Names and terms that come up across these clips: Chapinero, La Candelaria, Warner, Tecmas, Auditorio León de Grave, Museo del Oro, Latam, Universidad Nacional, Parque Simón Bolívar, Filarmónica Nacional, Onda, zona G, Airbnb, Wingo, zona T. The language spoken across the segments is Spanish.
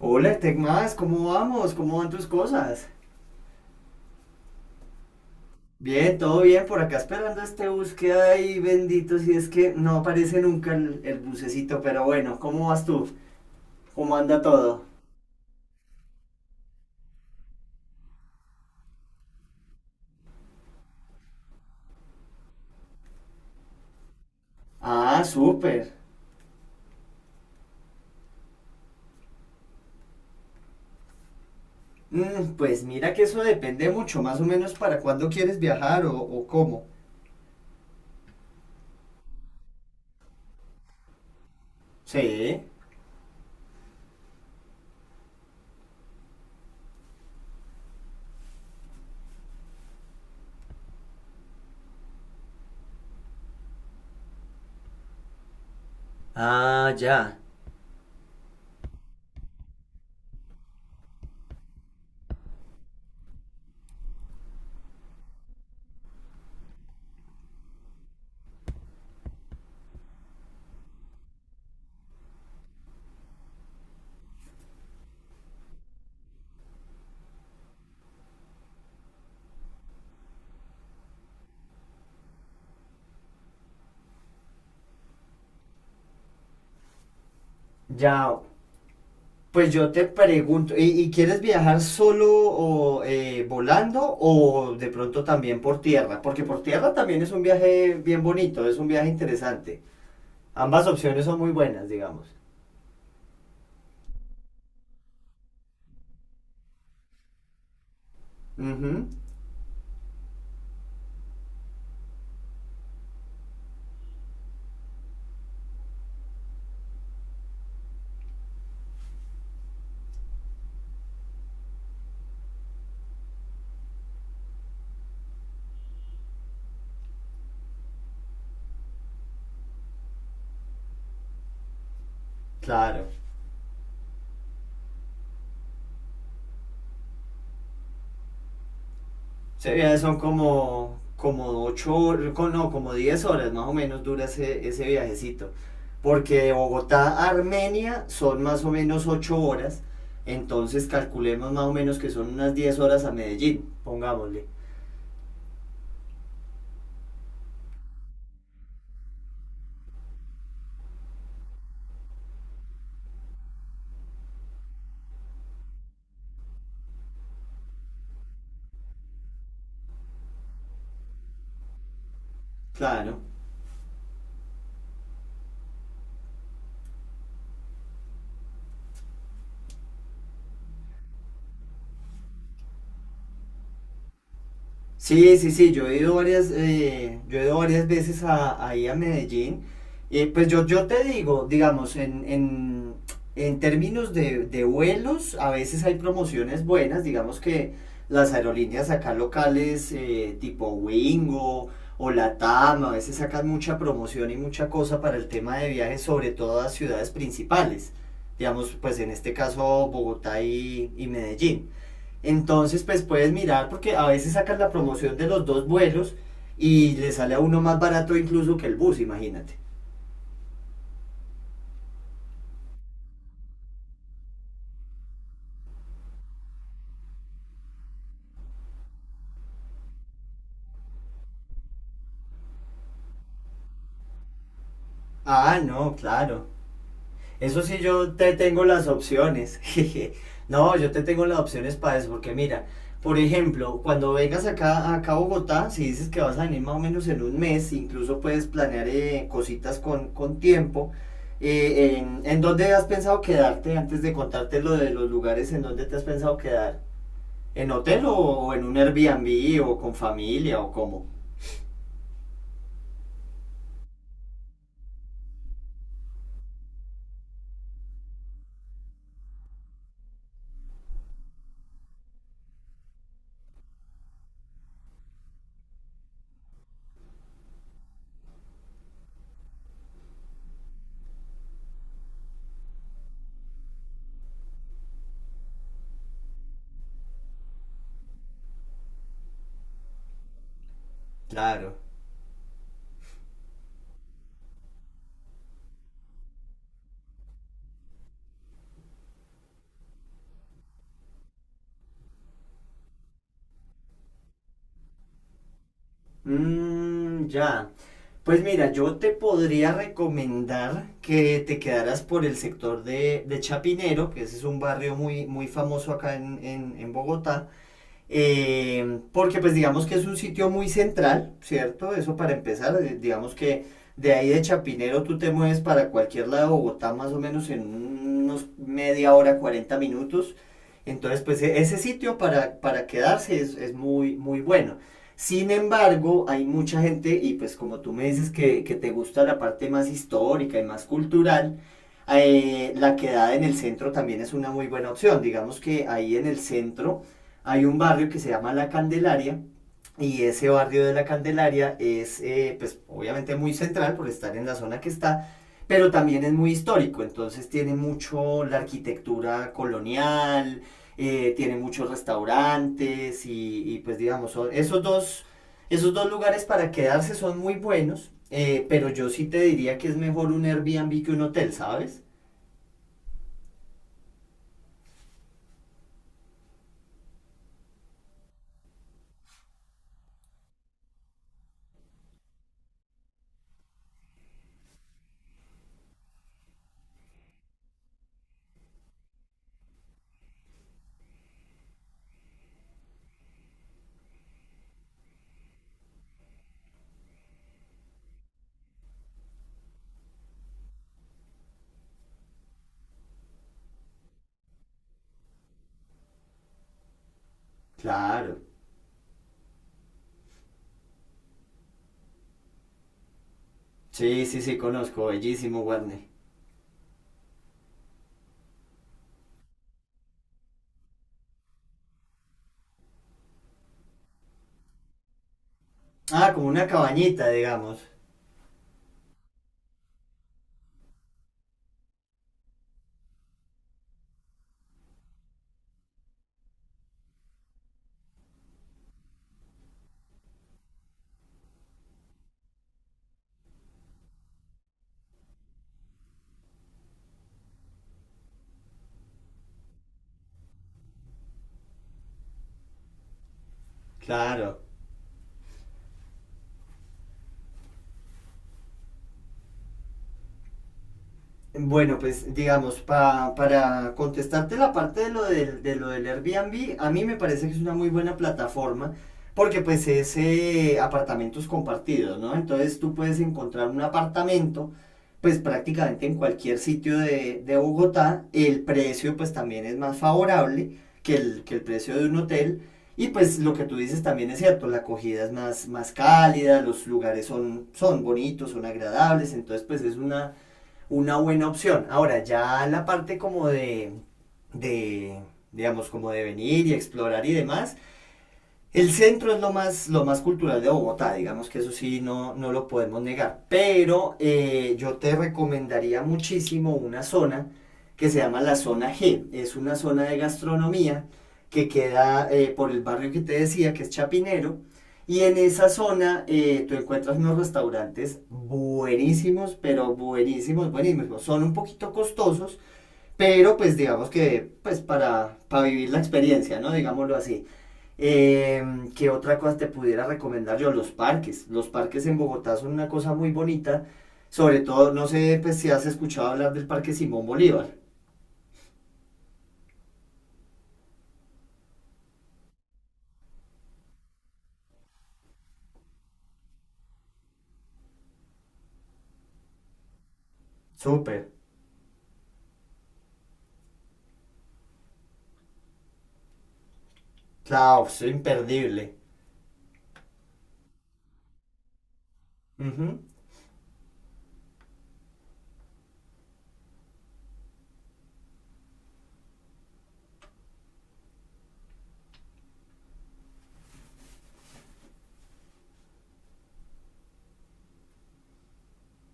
Hola, Tecmas, ¿cómo vamos? ¿Cómo van tus cosas? Bien, todo bien, por acá esperando este bus que hay, bendito, si es que no aparece nunca el bucecito, pero bueno, ¿cómo vas tú? ¿Cómo anda todo? Ah, súper. Pues mira que eso depende mucho, más o menos para cuándo quieres viajar o cómo. Sí. Ah, ya. Ya, pues yo te pregunto, ¿y quieres viajar solo o volando o de pronto también por tierra? Porque por tierra también es un viaje bien bonito, es un viaje interesante. Ambas opciones son muy buenas, digamos. Ujú, claro. Ese viaje son como, no, como 10 horas más o menos dura ese viajecito. Porque de Bogotá a Armenia son más o menos 8 horas, entonces calculemos más o menos que son unas 10 horas a Medellín, pongámosle. Claro. Sí, sí, sí, yo he ido varias veces a, ahí a Medellín. Y pues yo te digo, digamos, en términos de vuelos, a veces hay promociones buenas, digamos que las aerolíneas acá locales, tipo Wingo o Latam, a veces sacan mucha promoción y mucha cosa para el tema de viajes, sobre todo a ciudades principales. Digamos, pues en este caso Bogotá y Medellín. Entonces, pues puedes mirar porque a veces sacas la promoción de los dos vuelos y le sale a uno más barato incluso que el bus, imagínate. Ah, no, claro. Eso sí, yo te tengo las opciones. No, yo te tengo las opciones para eso, porque mira, por ejemplo, cuando vengas acá a Bogotá, si dices que vas a venir más o menos en un mes, incluso puedes planear cositas con tiempo. ¿En dónde has pensado quedarte antes de contarte lo de los lugares en donde te has pensado quedar? ¿En hotel o en un Airbnb o con familia o cómo? Claro. Mmm, ya. Pues mira, yo te podría recomendar que te quedaras por el sector de Chapinero, que ese es un barrio muy, muy famoso acá en Bogotá. Porque pues digamos que es un sitio muy central, ¿cierto? Eso para empezar, digamos que de ahí de Chapinero tú te mueves para cualquier lado de Bogotá más o menos en unos media hora, 40 minutos. Entonces, pues ese sitio para quedarse es muy, muy bueno. Sin embargo, hay mucha gente, y pues como tú me dices que te gusta la parte más histórica y más cultural, la quedada en el centro también es una muy buena opción. Digamos que ahí en el centro hay un barrio que se llama La Candelaria y ese barrio de La Candelaria es, pues, obviamente muy central por estar en la zona que está, pero también es muy histórico, entonces tiene mucho la arquitectura colonial, tiene muchos restaurantes y, pues digamos, son esos dos lugares para quedarse son muy buenos, pero yo sí te diría que es mejor un Airbnb que un hotel, ¿sabes? Claro. Sí, sí, sí, conozco, bellísimo, Warner. Ah, como una cabañita, digamos. Claro. Bueno, pues digamos, para contestarte la parte de lo, del Airbnb, a mí me parece que es una muy buena plataforma porque pues es apartamentos compartidos, ¿no? Entonces tú puedes encontrar un apartamento pues prácticamente en cualquier sitio de Bogotá, el precio pues también es más favorable que el precio de un hotel y pues lo que tú dices también es cierto, la acogida es más cálida, los lugares son, bonitos, son agradables, entonces pues es una buena opción. Ahora, ya la parte como de digamos, como de venir y explorar y demás, el centro es lo más cultural de Bogotá, digamos que eso sí no, no lo podemos negar. Pero yo te recomendaría muchísimo una zona que se llama la zona G. Es una zona de gastronomía que queda por el barrio que te decía, que es Chapinero. Y en esa zona tú encuentras unos restaurantes buenísimos, pero buenísimos, buenísimos. Son un poquito costosos, pero pues digamos que pues para vivir la experiencia, ¿no? Digámoslo así. Eh, ¿Qué otra cosa te pudiera recomendar yo? Los parques. Los parques en Bogotá son una cosa muy bonita. Sobre todo, no sé pues, si has escuchado hablar del Parque Simón Bolívar. Súper. Claro, es imperdible. Ujú,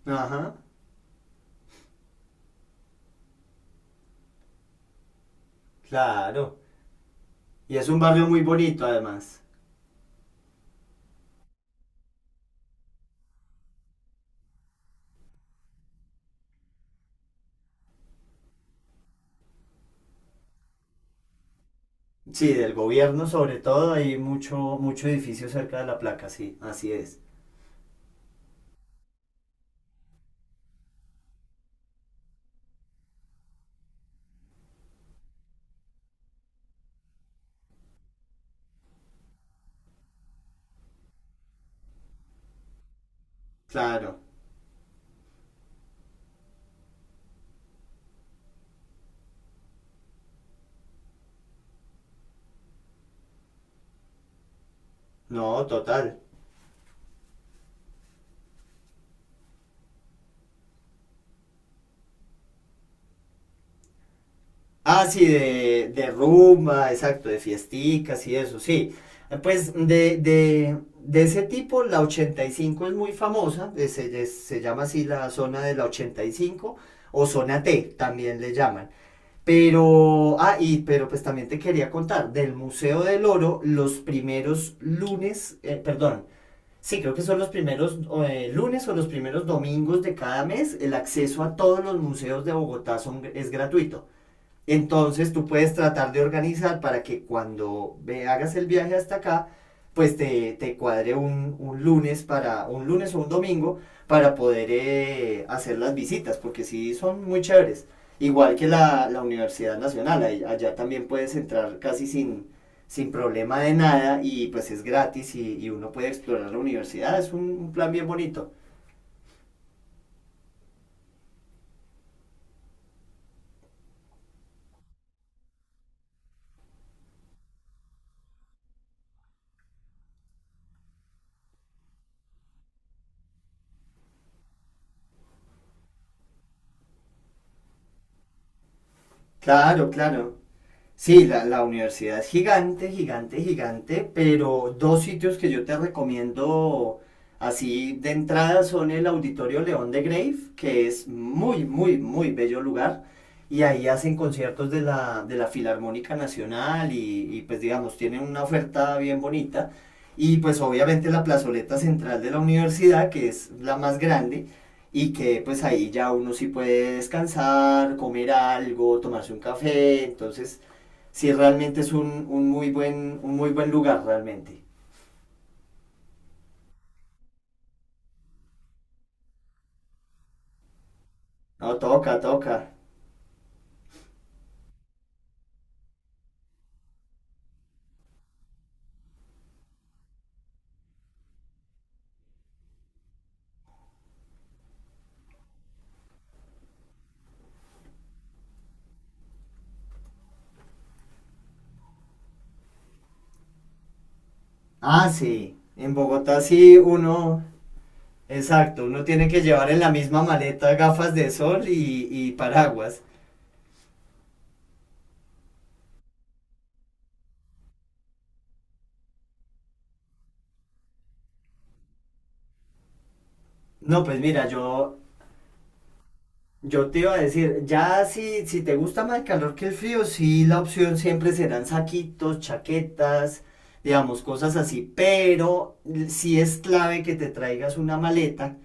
ajá, claro. Y es un barrio muy bonito además. Sí, del gobierno sobre todo, hay mucho, mucho edificio cerca de la placa, sí, así es. Claro, no, total. Ah, sí, de rumba, exacto, de fiesticas y eso, sí. Pues de ese tipo, la 85 es muy famosa, se llama así la zona de la 85 o zona T, también le llaman. Pero, pues también te quería contar, del Museo del Oro, los primeros lunes, perdón, sí, creo que son los primeros lunes o los primeros domingos de cada mes, el acceso a todos los museos de Bogotá es gratuito. Entonces tú puedes tratar de organizar para que cuando hagas el viaje hasta acá, pues te cuadre un lunes para un lunes o un domingo para poder hacer las visitas, porque sí son muy chéveres. Igual que la Universidad Nacional, allá también puedes entrar casi sin problema de nada y pues es gratis y uno puede explorar la universidad, es un plan bien bonito. Claro, claro. Sí, la universidad es gigante, gigante, gigante, pero dos sitios que yo te recomiendo así de entrada son el Auditorio León de Grave, que es muy, muy, muy bello lugar, y ahí hacen conciertos de la Filarmónica Nacional y pues digamos, tienen una oferta bien bonita, y pues obviamente la plazoleta central de la universidad, que es la más grande, y que pues ahí ya uno sí puede descansar, comer algo, tomarse un café, entonces sí realmente es un muy buen lugar realmente. No, toca, toca. Ah, sí. En Bogotá sí uno. Exacto, uno tiene que llevar en la misma maleta gafas de sol y paraguas. No, pues mira, yo te iba a decir, ya si te gusta más el calor que el frío, sí, la opción siempre serán saquitos, chaquetas, digamos, cosas así, pero sí es clave que te traigas una maleta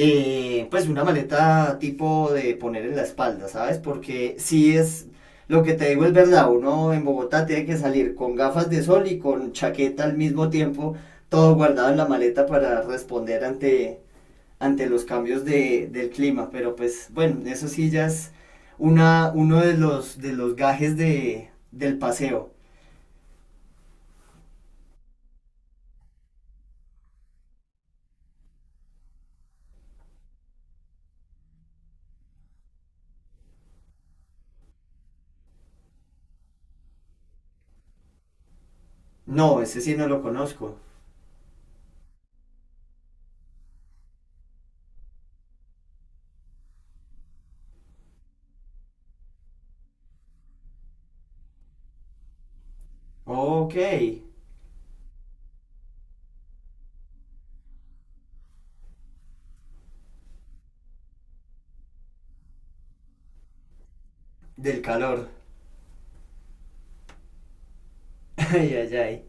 pues una maleta tipo de poner en la espalda, ¿sabes? Porque si es, lo que te digo es verdad, uno en Bogotá tiene que salir con gafas de sol y con chaqueta al mismo tiempo, todo guardado en la maleta para responder ante los cambios del clima, pero pues bueno, eso sí ya es uno de los gajes del paseo. No, ese sí no lo conozco. Ok, del calor. Ay, ay, ay.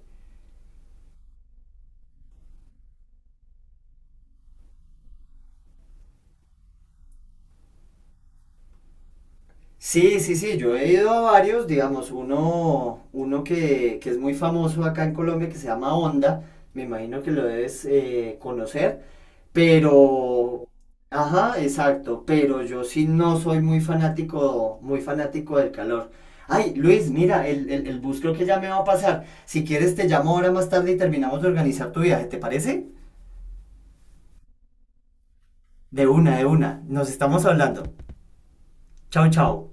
Sí, sí, sí, yo he ido a varios, digamos, uno que es muy famoso acá en Colombia que se llama Onda, me imagino que lo debes conocer, pero, ajá, exacto, pero yo sí no soy muy fanático del calor. Ay, Luis, mira, el bus creo que ya me va a pasar. Si quieres te llamo ahora más tarde y terminamos de organizar tu viaje, ¿te parece? De una, nos estamos hablando. Chao, chao.